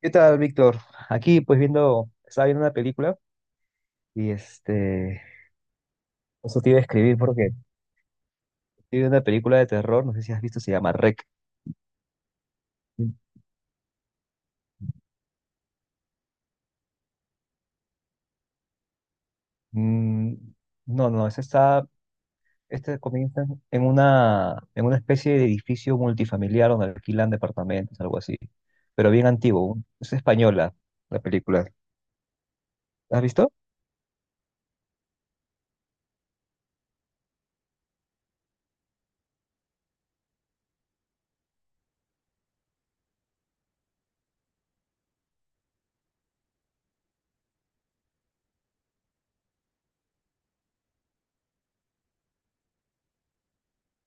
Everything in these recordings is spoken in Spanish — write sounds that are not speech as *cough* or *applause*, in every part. ¿Qué tal, Víctor? Aquí, pues estaba viendo una película y eso te iba a escribir porque estoy viendo una película de terror, no sé si has visto, se llama REC. Mm, no, no, este comienza en una especie de edificio multifamiliar donde alquilan departamentos, algo así, pero bien antiguo. Es española la película. ¿La has visto?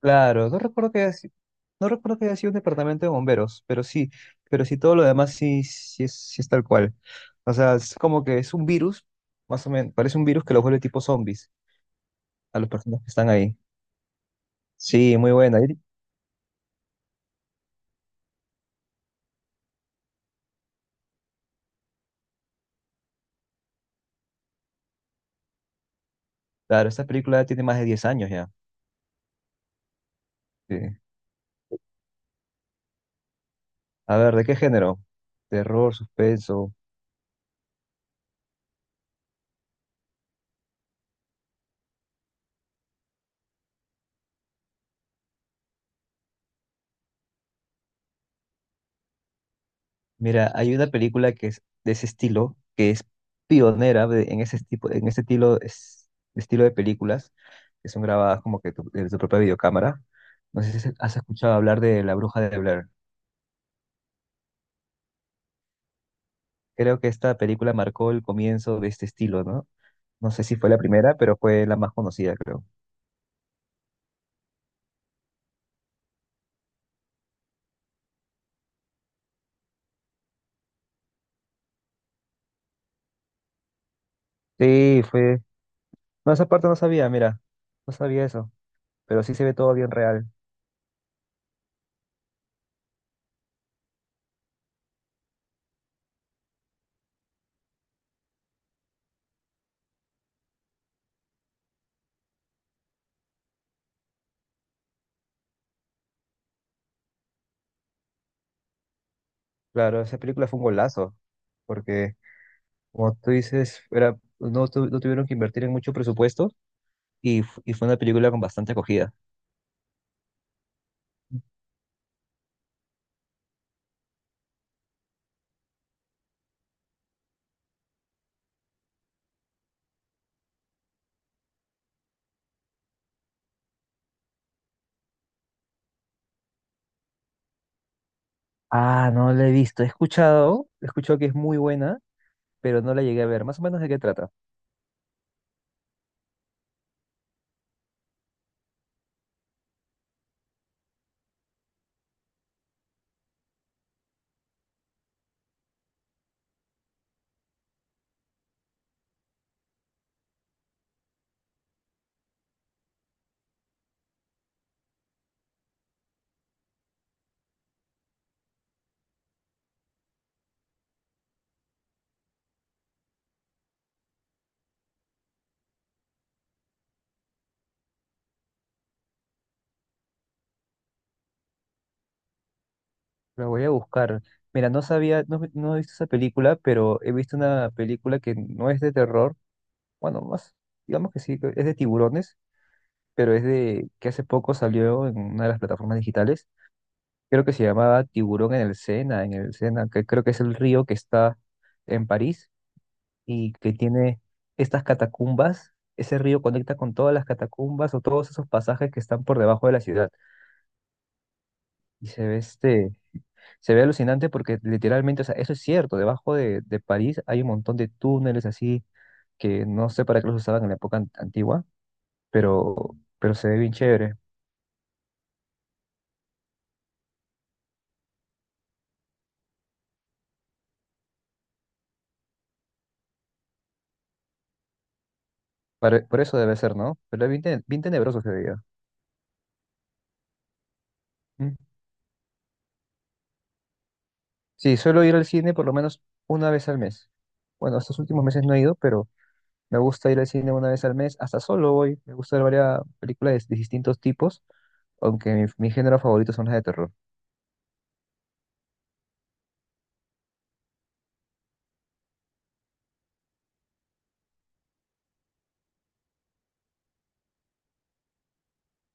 Claro, no recuerdo que haya sido un departamento de bomberos, pero sí todo lo demás sí, sí es tal cual. O sea, es como que es un virus, más o menos, parece un virus que los vuelve tipo zombies a las personas que están ahí. Sí, muy buena. Claro, esta película tiene más de 10 años ya. Sí. A ver, ¿de qué género? Terror, suspenso. Mira, hay una película que es de ese estilo, que es pionera en ese tipo, en ese estilo, estilo de películas, que son grabadas como que desde tu propia videocámara. No sé si has escuchado hablar de La Bruja de Blair. Creo que esta película marcó el comienzo de este estilo, ¿no? No sé si fue la primera, pero fue la más conocida, creo. Sí, fue. No, esa parte no sabía, mira, no sabía eso, pero sí se ve todo bien real. Claro, esa película fue un golazo, porque, como tú dices, era, no, tu- no tuvieron que invertir en mucho presupuesto y fue una película con bastante acogida. Ah, no la he visto. He escuchado que es muy buena, pero no la llegué a ver. Más o menos de qué trata. La voy a buscar. Mira, no sabía, no, no he visto esa película, pero he visto una película que no es de terror. Bueno, más, digamos que sí, que es de tiburones, pero es de que hace poco salió en una de las plataformas digitales. Creo que se llamaba Tiburón en el Sena, que creo que es el río que está en París y que tiene estas catacumbas. Ese río conecta con todas las catacumbas o todos esos pasajes que están por debajo de la ciudad. Y se ve se ve alucinante porque literalmente, o sea, eso es cierto, debajo de París hay un montón de túneles así que no sé para qué los usaban en la época antigua, pero se ve bien chévere. Por eso debe ser, ¿no? Pero es bien, bien tenebroso se veía. Mm. Sí, suelo ir al cine por lo menos una vez al mes. Bueno, estos últimos meses no he ido, pero me gusta ir al cine una vez al mes, hasta solo voy. Me gusta ver varias películas de distintos tipos, aunque mi género favorito son las de terror.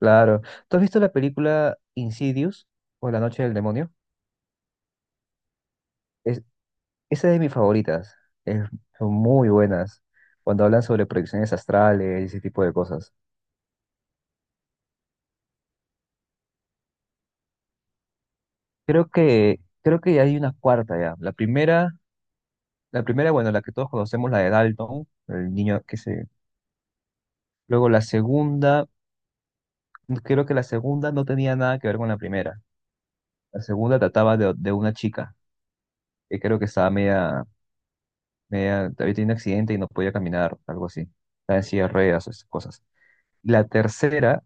Claro. ¿Tú has visto la película Insidious o La Noche del Demonio? Es, Esa es de mis favoritas. Es- son muy buenas cuando hablan sobre proyecciones astrales y ese tipo de cosas. Creo que hay una cuarta ya. La primera, bueno, la que todos conocemos, la de Dalton, el niño que se... Luego la segunda, creo que la segunda no tenía nada que ver con la primera. La segunda trataba de una chica que creo que estaba media, había tenido un accidente y no podía caminar, algo así. Estaba en silla de ruedas, esas cosas. La tercera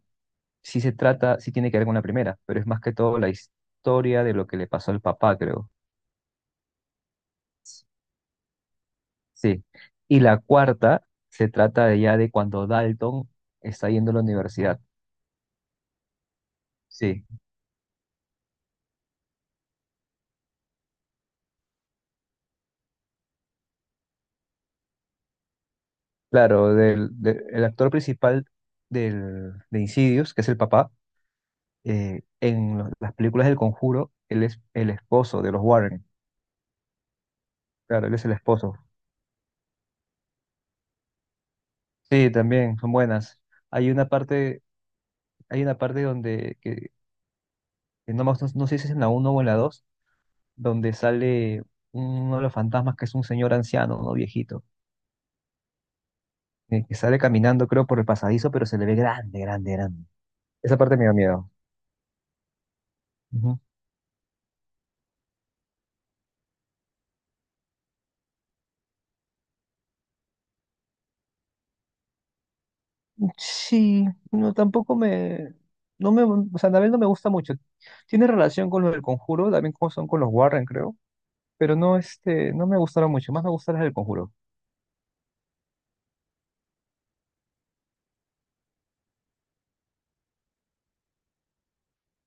sí se trata, sí tiene que ver con la primera, pero es más que todo la historia de lo que le pasó al papá, creo. Sí. Y la cuarta se trata de ya de cuando Dalton está yendo a la universidad. Sí. Claro, el actor principal de Insidious, que es el papá, en las películas del Conjuro, él es el esposo de los Warren. Claro, él es el esposo. Sí, también son buenas. Hay una parte, Hay una parte donde, que no, me- no sé si es en la uno o en la 2 donde sale uno de los fantasmas que es un señor anciano, ¿no? Viejito, que sale caminando, creo, por el pasadizo, pero se le ve grande, grande, grande. Esa parte me da miedo. Ujú. Sí, no, tampoco me, no me, o sea, Anabel no me gusta mucho. Tiene relación con lo del Conjuro, también como son con los Warren, creo. Pero no, no me gustaron mucho, más me gustaron las del Conjuro.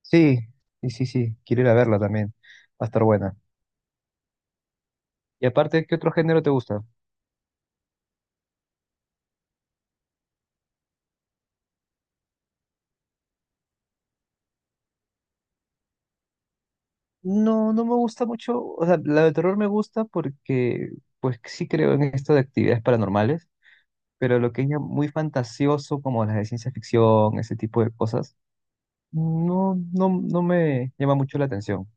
Sí, sí, sí, sí, quiero ir a verla también, va a estar buena. Y aparte, ¿qué otro género te gusta? No, no me gusta mucho, o sea, la de terror me gusta porque, pues sí creo en esto de actividades paranormales, pero lo que es ya muy fantasioso, como las de ciencia ficción, ese tipo de cosas, no, no, no me llama mucho la atención.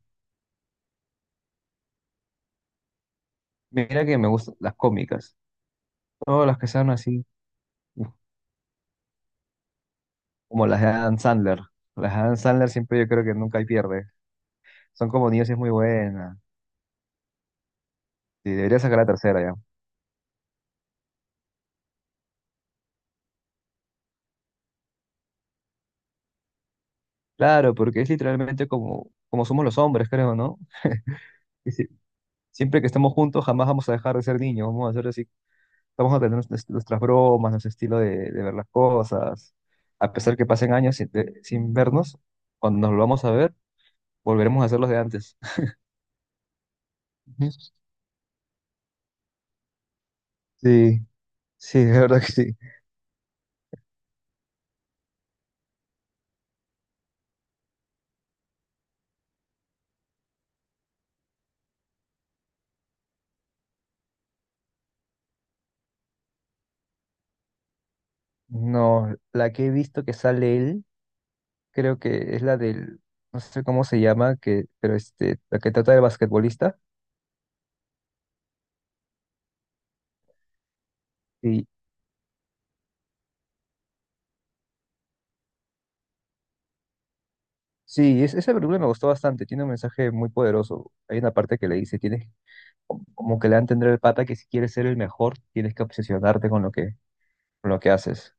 Mira que me gustan las cómicas, todas las que sean así, como las de Adam Sandler. Las de Adam Sandler siempre yo creo que nunca hay pierde. Son como niños y es muy buena. Sí, debería sacar la tercera ya. Claro, porque es literalmente como, como somos los hombres, creo, ¿no? Y si- siempre que estamos juntos, jamás vamos a dejar de ser niños. Vamos a hacer así, vamos a tener nuestras bromas, nuestro estilo de ver las cosas. A pesar que pasen años sin vernos, cuando nos volvamos a ver, volveremos a ser los de antes. *laughs* Ujú. Sí, sí, de verdad que sí. No, la que he visto que sale él, creo que es la no sé cómo se llama, pero la que trata del basquetbolista. Sí, esa película me gustó bastante, tiene un mensaje muy poderoso. Hay una parte que le dice, tienes como que le dan tendré el pata que si quieres ser el mejor, tienes que obsesionarte con lo que haces.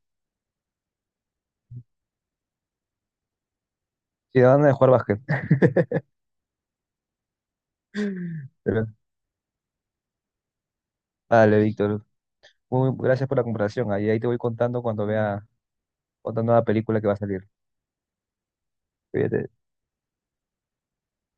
Sí, van a jugar básquet. *laughs* Pero, vale, Víctor. Muy, gracias por la comparación. Ahí te voy contando cuando vea otra nueva película que va a salir. Cuídate.